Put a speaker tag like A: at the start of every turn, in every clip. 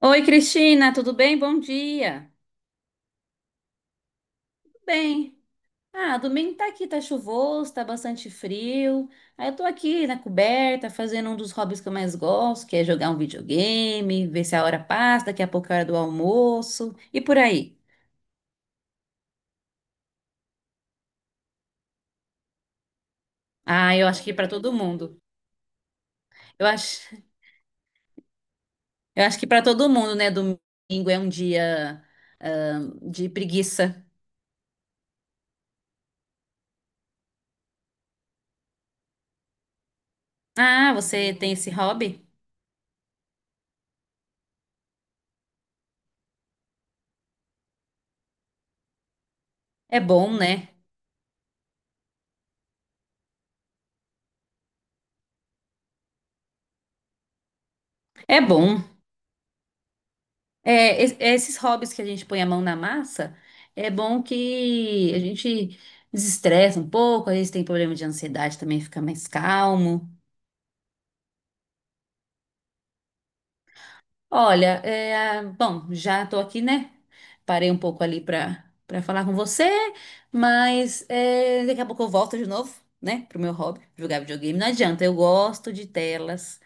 A: Oi, Cristina, tudo bem? Bom dia. Tudo bem. Domingo tá aqui, tá chuvoso, tá bastante frio. Aí eu tô aqui na coberta, fazendo um dos hobbies que eu mais gosto, que é jogar um videogame, ver se a hora passa, daqui a pouco é a hora do almoço e por aí. Eu acho que pra todo mundo. Eu acho, eu acho que pra todo mundo, né? Domingo é um dia, de preguiça. Ah, você tem esse hobby? É bom, né? É bom. É, esses hobbies que a gente põe a mão na massa, é bom que a gente desestressa um pouco, às vezes tem problema de ansiedade também, fica mais calmo. Olha, bom, já tô aqui, né? Parei um pouco ali para falar com você, mas é, daqui a pouco eu volto de novo, né, pro meu hobby, jogar videogame. Não adianta, eu gosto de telas.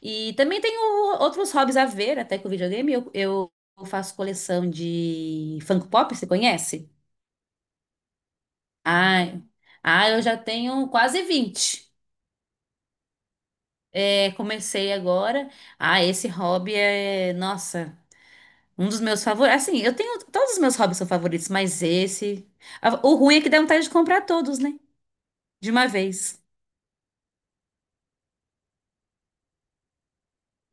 A: E também tenho outros hobbies a ver, até com o videogame. Eu faço coleção de Funko Pop, você conhece? Ai, eu já tenho quase 20. É, comecei agora. Ah, esse hobby é, nossa, um dos meus favoritos. Assim, eu tenho, todos os meus hobbies são favoritos, mas esse. O ruim é que dá vontade de comprar todos, né? De uma vez.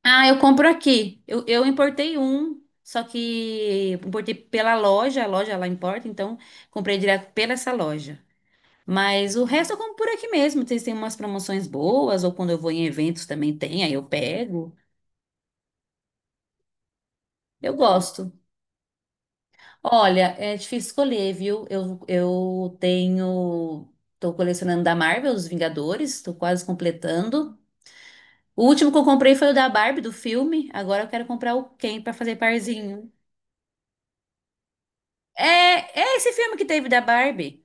A: Ah, eu compro aqui. Eu importei um, só que importei pela loja, a loja lá importa, então comprei direto pela essa loja. Mas o resto eu compro por aqui mesmo. Vocês têm umas promoções boas, ou quando eu vou em eventos também tem, aí eu pego. Eu gosto. Olha, é difícil escolher, viu? Eu tenho. Tô colecionando da Marvel, os Vingadores, tô quase completando. O último que eu comprei foi o da Barbie, do filme. Agora eu quero comprar o Ken pra fazer parzinho. É, é esse filme que teve da Barbie.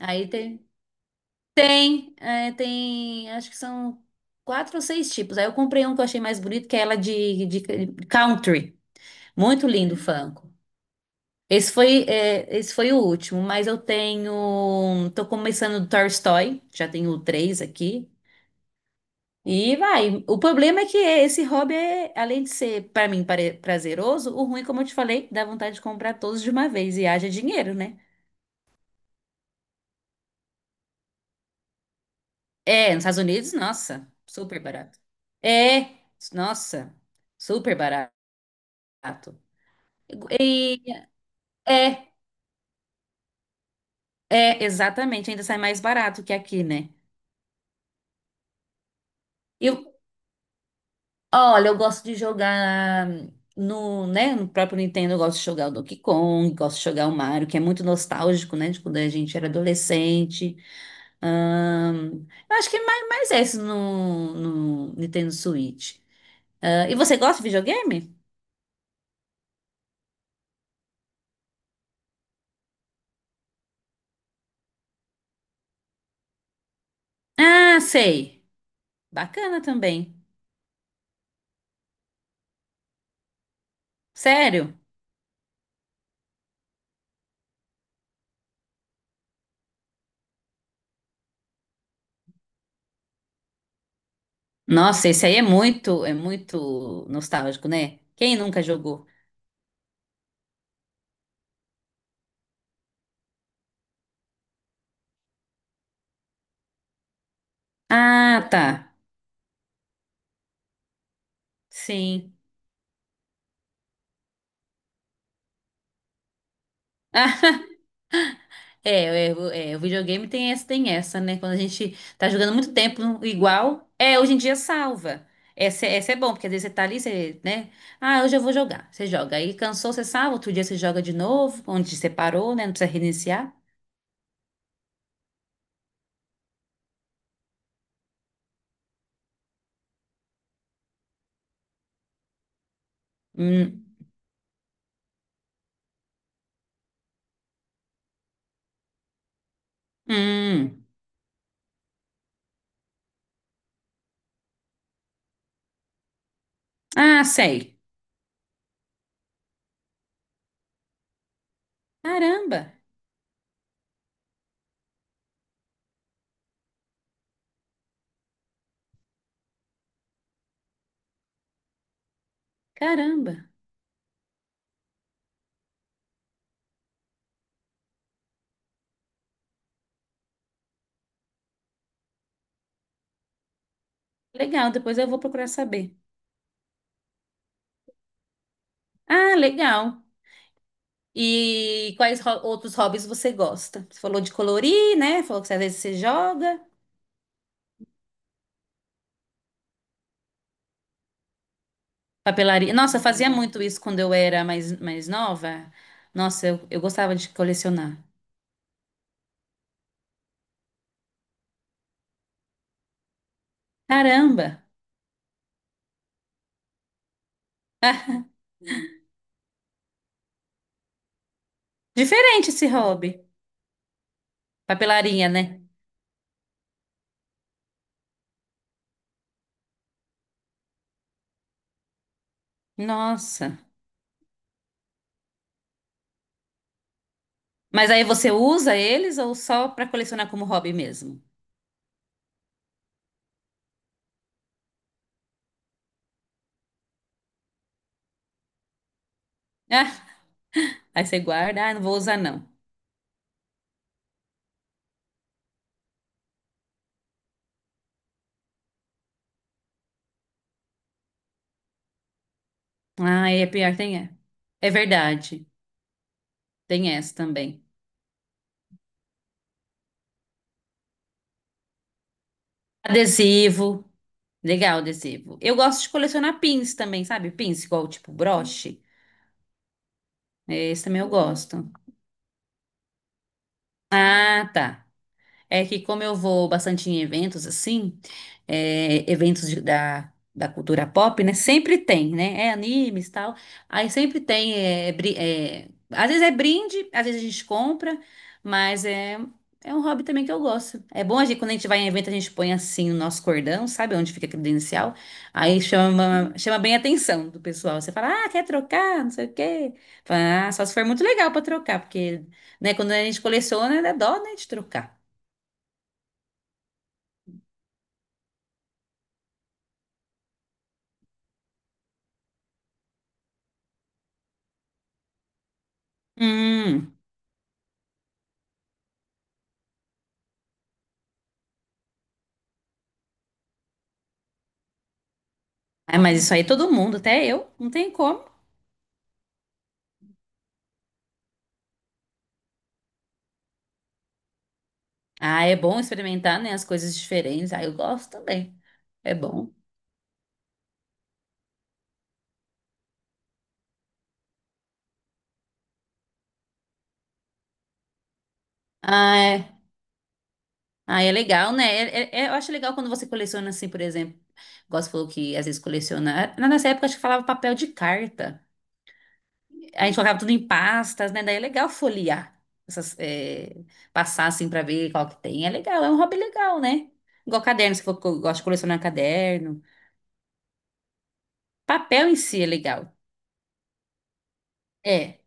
A: Aí tem. Tem. Acho que são 4 ou 6 tipos. Aí eu comprei um que eu achei mais bonito, que é ela de country. Muito lindo o Funko. Esse foi o último, mas eu tenho. Tô começando do Tolstói, já tenho 3 aqui. E vai. O problema é que esse hobby é, além de ser, pra mim, prazeroso, o ruim, como eu te falei, dá vontade de comprar todos de uma vez e haja dinheiro, né? É, nos Estados Unidos, nossa, super barato. É, nossa, super barato. E, é, exatamente, ainda sai mais barato que aqui, né? E, Olha, eu gosto de jogar no, né, no próprio Nintendo, eu gosto de jogar o Donkey Kong, gosto de jogar o Mario, que é muito nostálgico, né, de quando a gente era adolescente. Eu acho que é mais esse no, no Nintendo Switch. Ah, e você gosta de videogame? Ah, sei. Bacana também. Sério? Nossa, esse aí é é muito nostálgico, né? Quem nunca jogou? Ah, tá. Sim. Ah, o videogame tem essa, né? Quando a gente tá jogando muito tempo igual, é, hoje em dia salva. Essa é bom, porque às vezes você tá ali, você, né? Ah, hoje eu vou jogar. Você joga. Aí cansou, você salva, outro dia você joga de novo, onde você parou, né? Não precisa reiniciar. Hum. Hum. Ah, sei. Caramba, caramba. Legal, depois eu vou procurar saber. Ah, legal. E quais outros hobbies você gosta? Você falou de colorir, né? Falou que às vezes você joga. Papelaria. Nossa, eu fazia muito isso quando eu era mais nova. Nossa, eu gostava de colecionar. Caramba! Diferente esse hobby. Papelaria, né? Nossa. Mas aí você usa eles ou só para colecionar como hobby mesmo? Ah, aí você guarda, ah, não vou usar não. Ah, é pior, tem é. É verdade. Tem essa também. Adesivo. Legal, adesivo. Eu gosto de colecionar pins também, sabe? Pins, igual tipo broche. Esse também eu gosto. Ah, tá. É que como eu vou bastante em eventos assim, é, eventos da da, cultura pop, né? Sempre tem, né? É animes e tal. Aí sempre tem, às vezes é brinde, às vezes a gente compra, mas é, é um hobby também que eu gosto. É bom a gente, quando a gente vai em evento, a gente põe assim o nosso cordão, sabe? Onde fica a credencial. Aí chama bem a atenção do pessoal. Você fala, ah, quer trocar? Não sei o quê. Fala, ah, só se for muito legal pra trocar, porque, né, quando a gente coleciona, dá dó, né, de trocar. Hum. É, mas isso aí todo mundo, até eu, não tem como. Ah, é bom experimentar, né, as coisas diferentes. Ah, eu gosto também. É bom. Ah, é, ah, é legal, né? Eu acho legal quando você coleciona, assim, por exemplo. Gosto falou que às vezes coleciona. Na nossa época, acho que falava papel de carta. A gente colocava tudo em pastas, né? Daí é legal folhear. Essas, é, passar, assim, pra ver qual que tem. É legal, é um hobby legal, né? Igual caderno, se for que eu gosto de colecionar caderno. Papel em si é legal. É.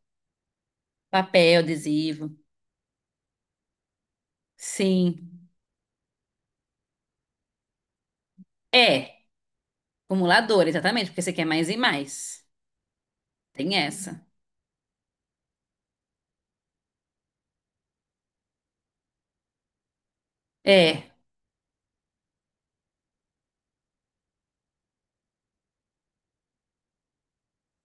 A: Papel, adesivo. Sim. É, acumulador, exatamente, porque você quer mais e mais. Tem essa. É.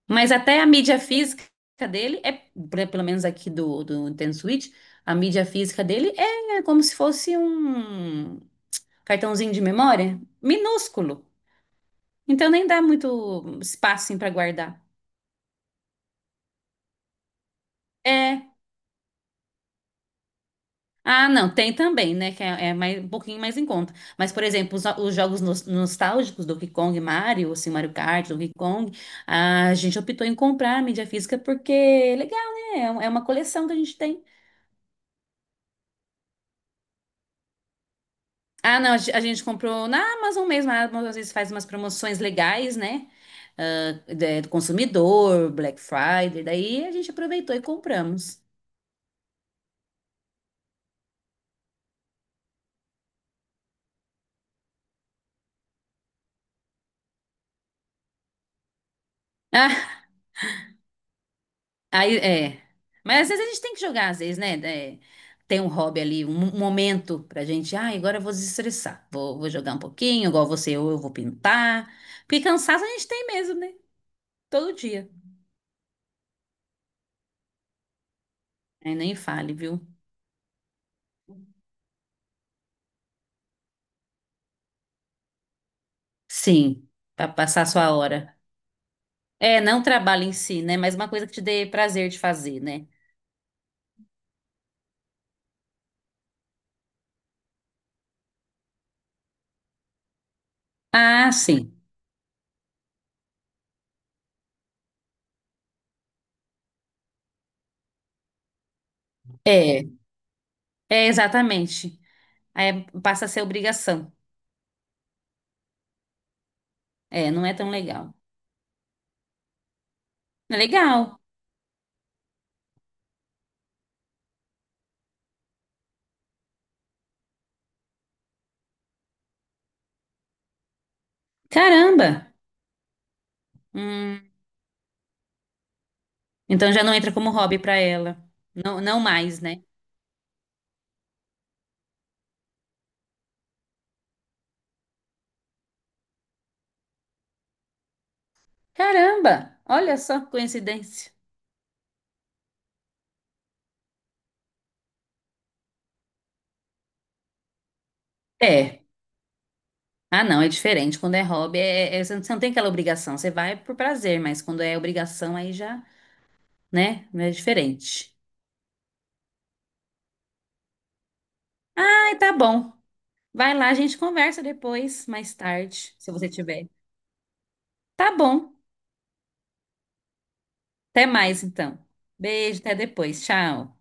A: Mas até a mídia física dele é, pelo menos aqui do, do Nintendo Switch, a mídia física dele é como se fosse um cartãozinho de memória, minúsculo. Então nem dá muito espaço para guardar. É. Ah, não, tem também, né? Que é, é mais, um pouquinho mais em conta. Mas, por exemplo, os jogos nostálgicos do Donkey Kong, Mario, assim, Mario Kart, Donkey Kong, a gente optou em comprar a mídia física porque é legal, né? É, é uma coleção que a gente tem. Ah, não, a, ge- a gente comprou na Amazon mesmo. A Amazon às vezes faz umas promoções legais, né? Ah, do consumidor, Black Friday, daí a gente aproveitou e compramos. Aí, é. Mas às vezes a gente tem que jogar, às vezes, né? É, tem um hobby ali, um um momento pra gente. Ah, agora eu vou desestressar. Vou jogar um pouquinho, igual você, ou eu vou pintar. Porque cansaço a gente tem mesmo, né? Todo dia. Aí nem fale, viu? Sim, pra passar a sua hora. É, não trabalho em si, né? Mas uma coisa que te dê prazer de fazer, né? Ah, sim. É, é exatamente. Aí passa a ser obrigação. É, não é tão legal. É legal. Caramba! Hum. Então já não entra como hobby pra ela. Não, não mais, né? Caramba, olha só que coincidência. É. Ah, não, é diferente. Quando é hobby, você não tem aquela obrigação. Você vai por prazer, mas quando é obrigação, aí já, né? É diferente. Ai, tá bom. Vai lá, a gente conversa depois, mais tarde, se você tiver. Tá bom. Até mais, então. Beijo, até depois. Tchau.